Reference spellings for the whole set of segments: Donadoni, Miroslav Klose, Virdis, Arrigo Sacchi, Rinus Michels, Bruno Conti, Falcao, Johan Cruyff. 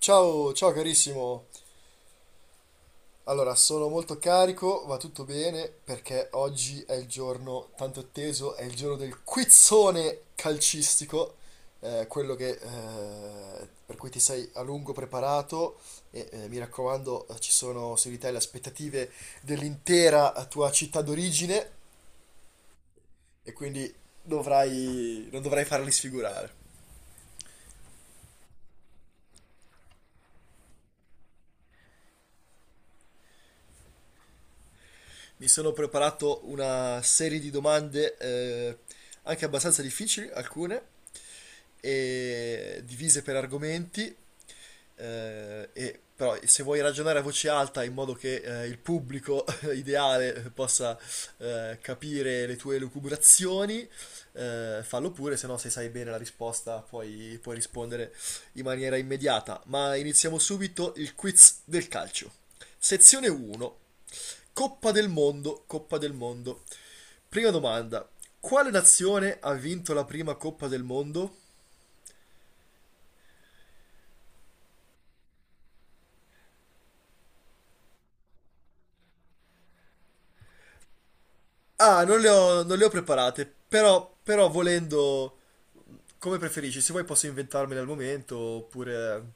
Ciao, ciao carissimo. Allora, sono molto carico, va tutto bene perché oggi è il giorno tanto atteso, è il giorno del quizzone calcistico, quello che, per cui ti sei a lungo preparato e mi raccomando, ci sono su di te le aspettative dell'intera tua città d'origine e quindi dovrai, non dovrai farli sfigurare. Mi sono preparato una serie di domande, anche abbastanza difficili, alcune, e divise per argomenti, e però se vuoi ragionare a voce alta in modo che, il pubblico ideale possa, capire le tue lucubrazioni, fallo pure, se no se sai bene la risposta puoi rispondere in maniera immediata. Ma iniziamo subito il quiz del calcio. Sezione 1. Coppa del mondo, Coppa del mondo. Prima domanda. Quale nazione ha vinto la prima Coppa del mondo? Ah, non le ho preparate, però volendo, come preferisci, se vuoi posso inventarmele al momento, oppure.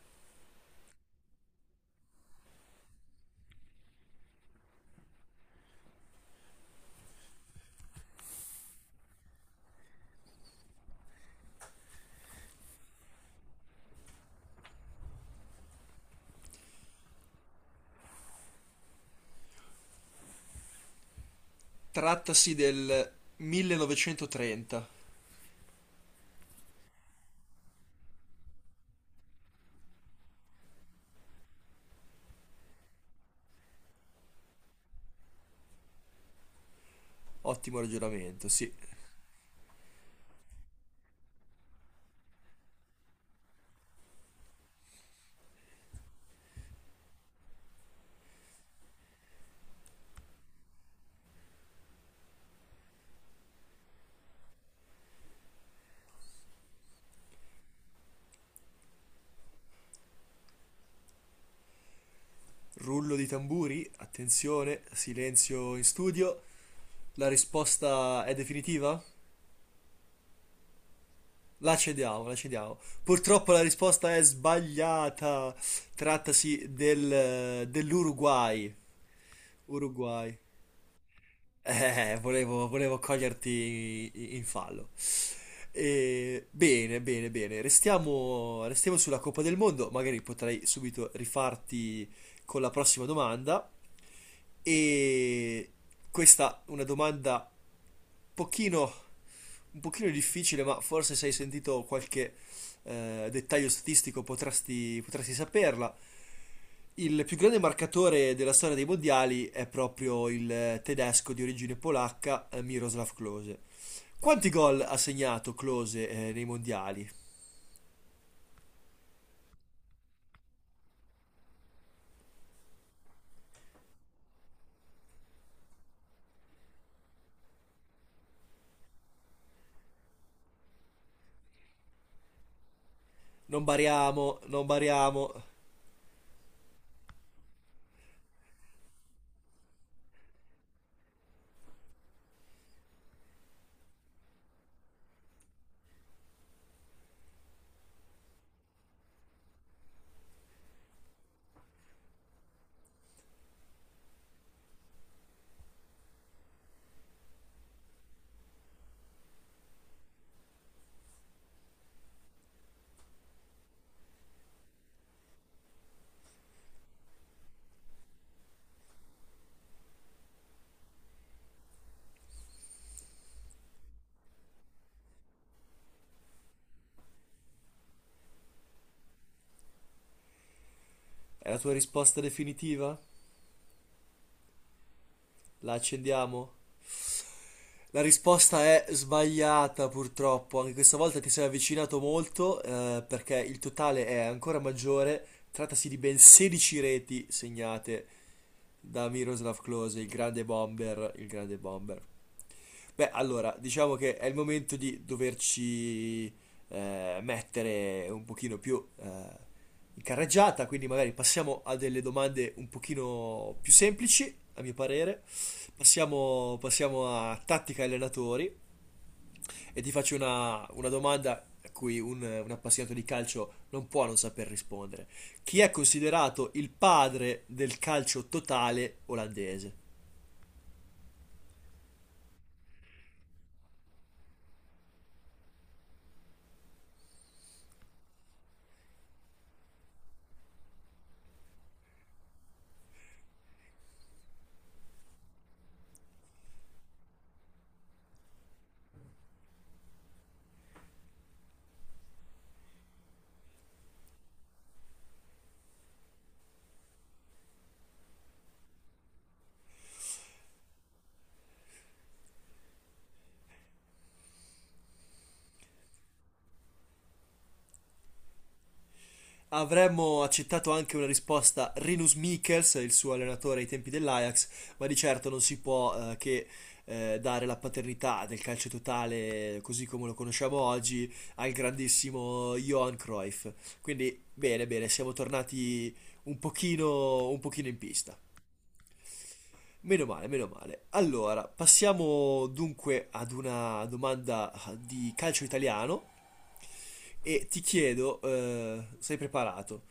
Trattasi del 1930. Ottimo ragionamento, sì. Rullo di tamburi, attenzione, silenzio in studio. La risposta è definitiva? La cediamo, la cediamo. Purtroppo la risposta è sbagliata. Trattasi dell'Uruguay. Uruguay. Volevo coglierti in fallo. E, bene, bene, bene. Restiamo, restiamo sulla Coppa del Mondo. Magari potrei subito rifarti con la prossima domanda. E questa è una domanda pochino, un pochino difficile, ma forse se hai sentito qualche, dettaglio statistico potresti saperla. Il più grande marcatore della storia dei mondiali è proprio il tedesco di origine polacca, Miroslav Klose. Quanti gol ha segnato Klose, nei mondiali? Non bariamo, non bariamo. È la tua risposta definitiva? La accendiamo? La risposta è sbagliata purtroppo, anche questa volta ti sei avvicinato molto, perché il totale è ancora maggiore, trattasi di ben 16 reti segnate da Miroslav Klose, il grande bomber, il grande bomber. Beh, allora, diciamo che è il momento di doverci, mettere un pochino più, in carreggiata, quindi magari passiamo a delle domande un pochino più semplici, a mio parere. Passiamo, passiamo a tattica e allenatori e ti faccio una domanda a cui un appassionato di calcio non può non saper rispondere. Chi è considerato il padre del calcio totale olandese? Avremmo accettato anche una risposta Rinus Michels, il suo allenatore ai tempi dell'Ajax, ma di certo non si può, che, dare la paternità del calcio totale così come lo conosciamo oggi al grandissimo Johan Cruyff. Quindi bene, bene, siamo tornati un pochino in pista. Meno male, meno male. Allora, passiamo dunque ad una domanda di calcio italiano e ti chiedo, sei preparato,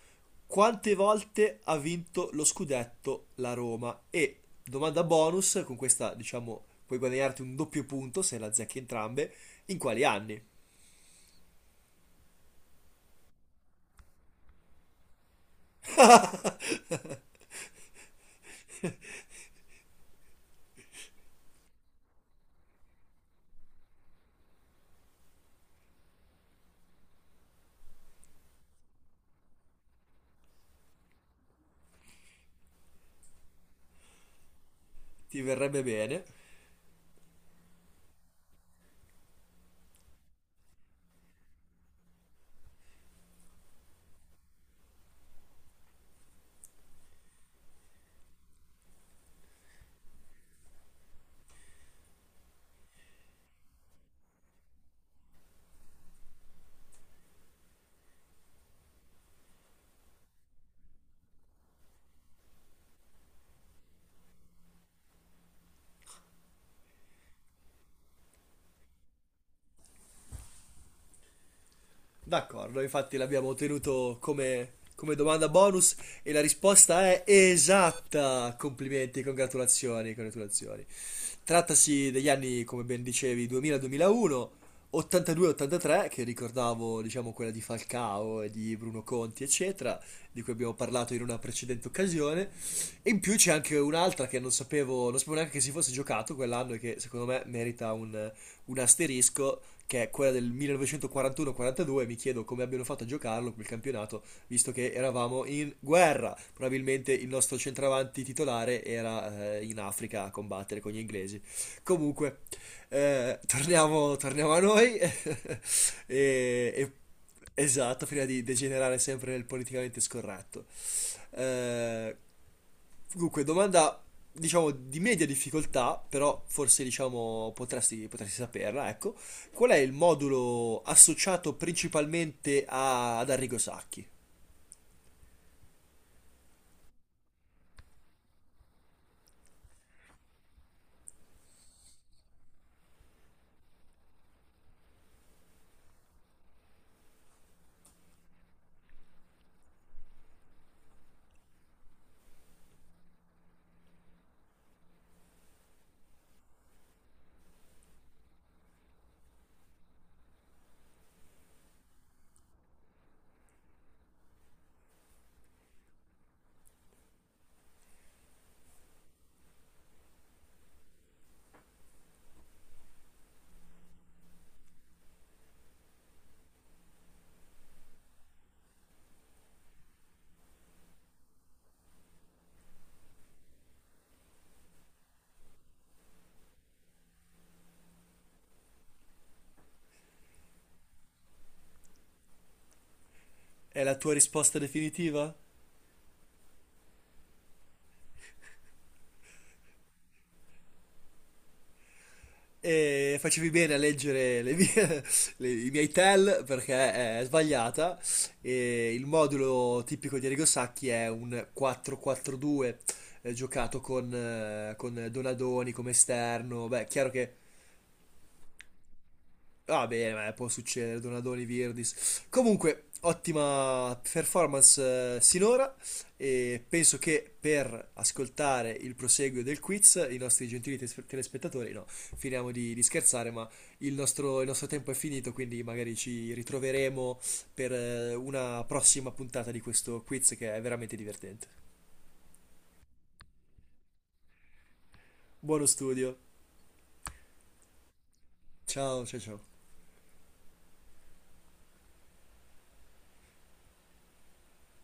quante volte ha vinto lo scudetto la Roma? E domanda bonus, con questa diciamo puoi guadagnarti un doppio punto se la azzecchi entrambe, in quali anni? Ti verrebbe bene? D'accordo, infatti l'abbiamo tenuto come domanda bonus e la risposta è esatta. Complimenti, congratulazioni, congratulazioni. Trattasi degli anni, come ben dicevi, 2000-2001, 82-83, che ricordavo, diciamo, quella di Falcao e di Bruno Conti, eccetera, di cui abbiamo parlato in una precedente occasione. E in più c'è anche un'altra che non sapevo neanche che si fosse giocato quell'anno e che secondo me merita un asterisco, che è quella del 1941-42. Mi chiedo come abbiano fatto a giocarlo quel campionato, visto che eravamo in guerra. Probabilmente il nostro centravanti titolare era, in Africa a combattere con gli inglesi. Comunque, torniamo, torniamo a noi. E- esatto, prima di degenerare sempre nel politicamente scorretto. Eh, dunque, domanda diciamo di media difficoltà, però forse diciamo potresti saperla, ecco. Qual è il modulo associato principalmente ad Arrigo Sacchi? È la tua risposta definitiva? E facevi bene a leggere i miei tell, perché è sbagliata. E il modulo tipico di Arrigo Sacchi è un 4-4-2, giocato con, con Donadoni come esterno. Beh, chiaro che. Va bene, ma può succedere, Donadoni, Virdis. Comunque, ottima performance, sinora, e penso che, per ascoltare il proseguo del quiz, i nostri gentili telespettatori, no, finiamo di scherzare, ma il nostro tempo è finito, quindi magari ci ritroveremo per, una prossima puntata di questo quiz che è veramente divertente. Buono studio. Ciao, ciao, ciao.